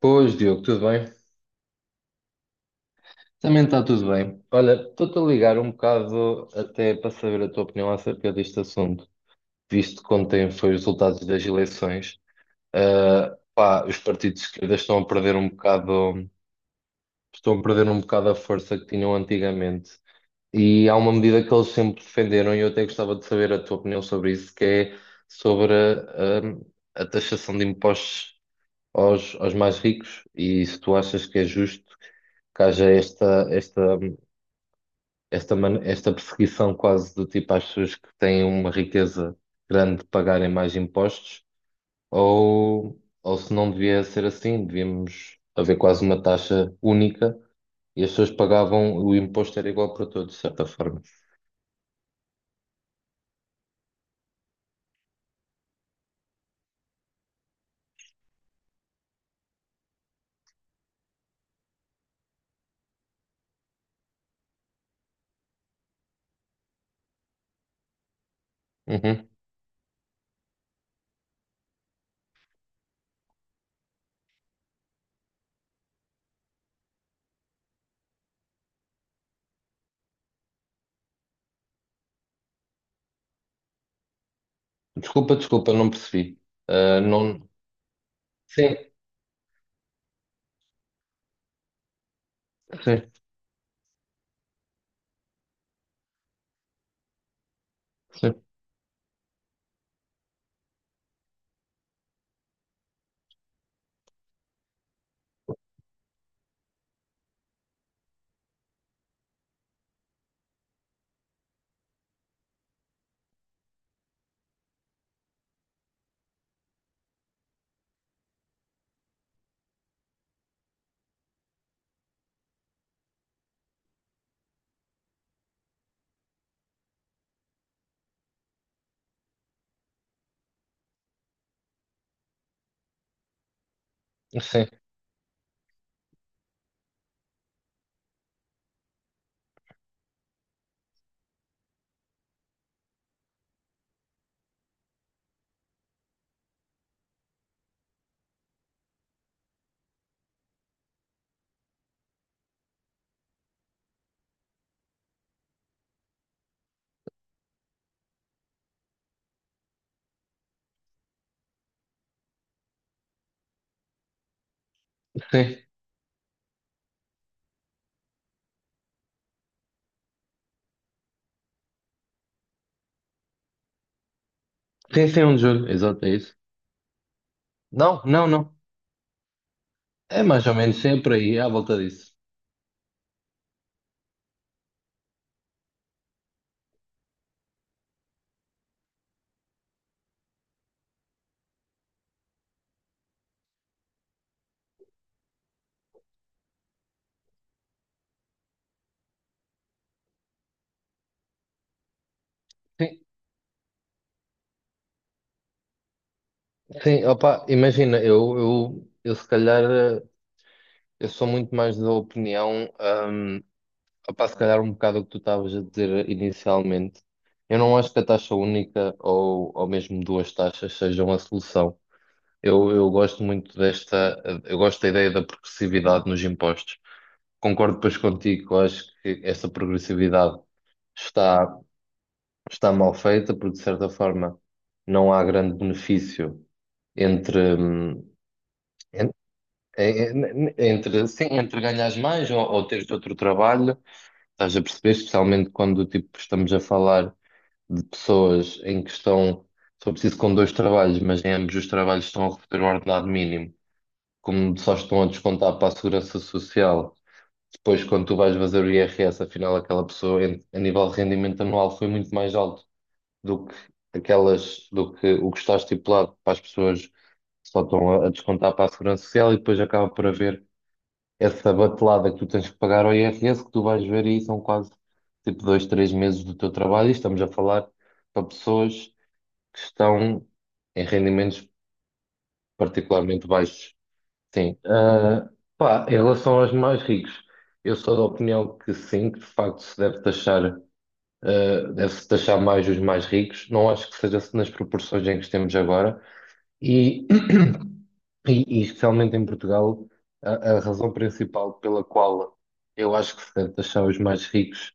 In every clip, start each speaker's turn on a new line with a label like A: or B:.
A: Pois, Diogo, tudo bem? Também está tudo bem. Olha, estou-te a ligar um bocado até para saber a tua opinião acerca deste assunto, visto que ontem foi os resultados das eleições. Pá, os partidos de esquerda estão a perder um bocado, estão a perder um bocado a força que tinham antigamente. E há uma medida que eles sempre defenderam, e eu até gostava de saber a tua opinião sobre isso, que é sobre a taxação de impostos aos mais ricos e se tu achas que é justo que haja esta perseguição quase do tipo às pessoas que têm uma riqueza grande de pagarem mais impostos, ou se não devia ser assim, devíamos haver quase uma taxa única e as pessoas pagavam, o imposto era igual para todos, de certa forma. Uhum. Desculpa, desculpa, não percebi. Ah, não... Sim, sim, sim, sim, sim, sim, sim, é um juro, exato, é isso. Não, não, não. É mais ou menos sempre aí, à volta disso. Sim, sim, opa, imagina, eu se calhar, eu sou muito mais da opinião, hum, opa, se calhar um bocado o que tu estavas a dizer inicialmente. Eu não acho que a taxa única ou mesmo duas taxas sejam a solução. Eu gosto muito desta, eu gosto da ideia da progressividade nos impostos. Concordo depois contigo, eu acho que essa progressividade está. Está mal feita, porque de certa forma não há grande benefício entre, hum, en- entre, sim, entre ganhares mais ou teres outro trabalho. Estás a perceber, especialmente quando tipo, estamos a falar de pessoas em que estão, só preciso com dois trabalhos, mas em ambos os trabalhos estão a receber um ordenado mínimo, como só estão a descontar para a Segurança Social. Depois, quando tu vais fazer o IRS, afinal, a nível de rendimento anual, foi muito mais alto do que aquelas, do que o que está estipulado para as pessoas que só estão a descontar para a Segurança Social e depois acaba por haver essa batelada que tu tens que pagar ao IRS, que tu vais ver e são quase tipo dois, três meses do teu trabalho e estamos a falar para pessoas que estão em rendimentos particularmente baixos. Sim. Ah, pá, em relação aos mais ricos, eu sou da opinião que sim, que de facto se deve taxar. Deve-se taxar mais os mais ricos. Não acho que seja nas proporções em que estamos agora, e, e especialmente em Portugal, a razão principal pela qual eu acho que se deve taxar os mais ricos,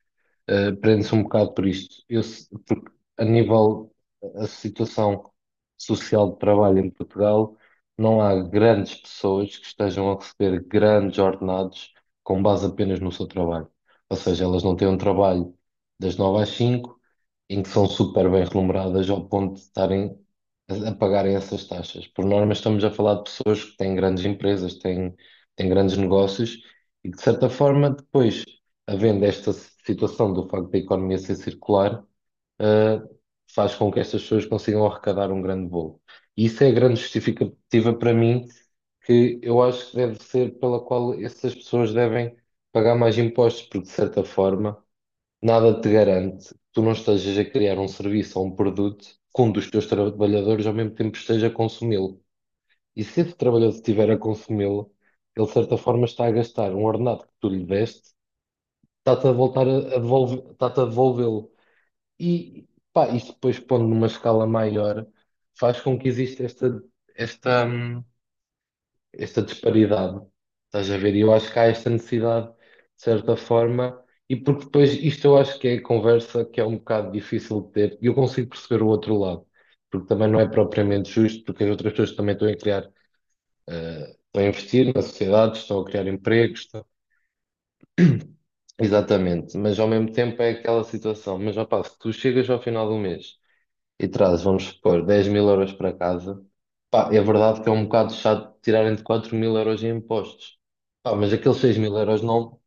A: prende-se um bocado por isto. Eu, se- Porque a nível, a situação social de trabalho em Portugal, não há grandes pessoas que estejam a receber grandes ordenados com base apenas no seu trabalho. Ou seja, elas não têm um trabalho das nove às cinco, em que são super bem remuneradas ao ponto de estarem a pagarem essas taxas. Por norma, estamos a falar de pessoas que têm grandes empresas, têm grandes negócios e que, de certa forma, depois, havendo esta situação do facto da economia ser circular, eh, faz com que estas pessoas consigam arrecadar um grande bolo. E isso é a grande justificativa para mim, que eu acho que deve ser pela qual essas pessoas devem pagar mais impostos, porque, de certa forma. Nada te garante que tu não estejas a criar um serviço ou um produto que um dos teus trabalhadores ao mesmo tempo esteja a consumi-lo. E se esse trabalhador estiver a consumi-lo, ele de certa forma está a gastar um ordenado que tu lhe deste, está-te a voltar a devolver, está-te a devolvê-lo. E pá, isto depois pondo numa escala maior, faz com que exista esta, hum, esta disparidade. Estás a ver? E eu acho que há esta necessidade, de certa forma, e porque depois isto eu acho que é a conversa que é um bocado difícil de ter, e eu consigo perceber o outro lado, porque também não é propriamente justo, porque as outras pessoas também estão a criar, estão a investir na sociedade, estão a criar empregos, estão- exatamente, mas ao mesmo tempo é aquela situação, mas opá, se tu chegas ao final do mês e trazes, vamos supor, 10 000€ para casa, pá, é verdade que é um bocado chato tirarem de 4 000€ em impostos. Pá, mas aqueles 6 000€ não.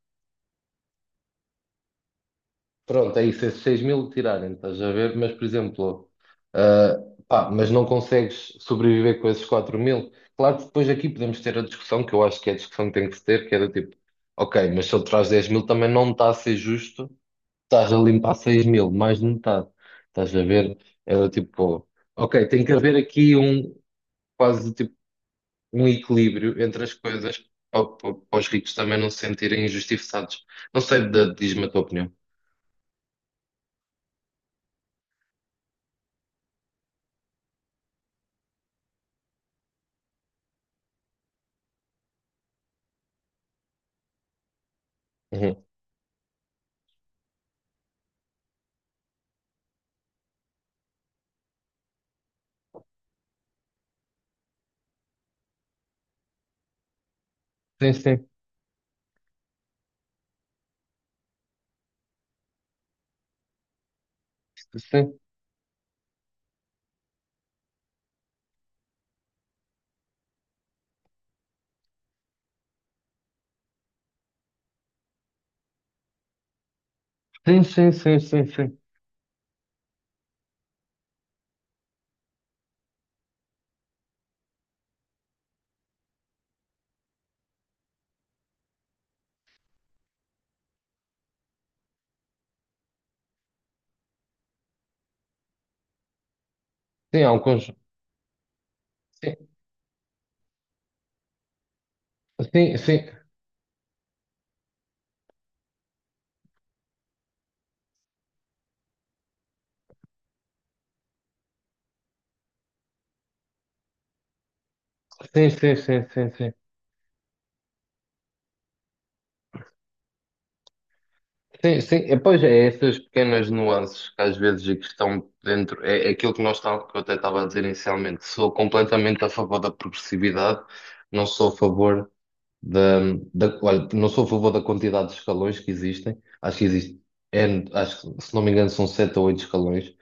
A: Pronto, é isso, esses 6 mil tirarem, estás a ver? Mas, por exemplo, ah, pá, mas não consegues sobreviver com esses 4 000. Claro que depois aqui podemos ter a discussão, que eu acho que é a discussão que tem que se ter, que é do tipo, ok, mas se ele traz 10 000 também não está a ser justo, estás a limpar 6 000, mais de metade. Estás a ver? Era tipo, ok, tem que haver aqui um. Quase tipo um equilíbrio entre as coisas para, para os ricos também não se sentirem injustiçados. Não sei, diz-me a tua opinião. Uhum. Sim, sim, sim, sim, sim, sim, sim, sim, sim, há um conjunto. Sim, sim, sim, sim, sim, sim, sim, sim. Sim, sim, é, pois é, é essas pequenas nuances que às vezes e que estão dentro, é aquilo que que eu até estava a dizer inicialmente, sou completamente a favor da progressividade, não sou a favor da, olha, não sou a favor da quantidade de escalões que existem, acho que existe, N, acho que, se não me engano são 7 ou 8 escalões,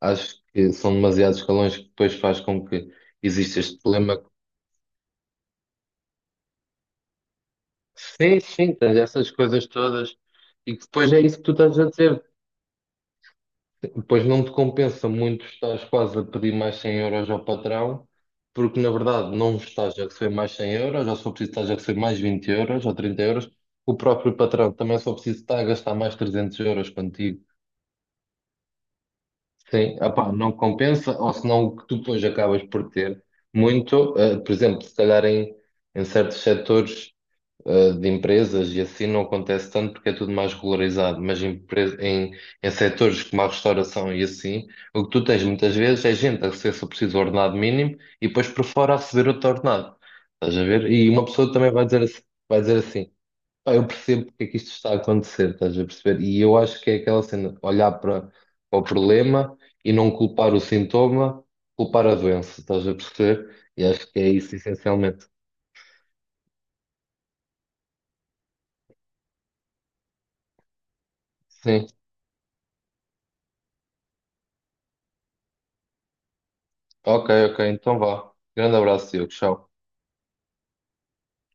A: acho que são demasiados escalões que depois faz com que exista este problema. Sim, sim, tens essas coisas todas, e que depois é isso que tu estás a dizer. Depois não te compensa muito estás quase a pedir mais 100€ ao patrão, porque na verdade não estás a receber mais 100€, ou só preciso estás a receber mais 20€ ou 30€. O próprio patrão também só precisa estar a gastar mais 300€ contigo. Sim, opá, não compensa, ou senão o que tu depois acabas por ter muito, por exemplo, se calhar em certos setores de empresas e assim não acontece tanto porque é tudo mais regularizado, mas em setores como a restauração e assim, o que tu tens muitas vezes é gente a receber só preciso o ordenado mínimo e depois por fora a receber outro ordenado. Estás a ver? E uma pessoa também vai dizer assim, pá, eu percebo porque é que isto está a acontecer, estás a perceber? E eu acho que é aquela cena, olhar para, para o problema e não culpar o sintoma, culpar a doença, estás a perceber? E acho que é isso essencialmente. Sim. Ok, ok, então vá. Grande abraço, Diogo. Tchau.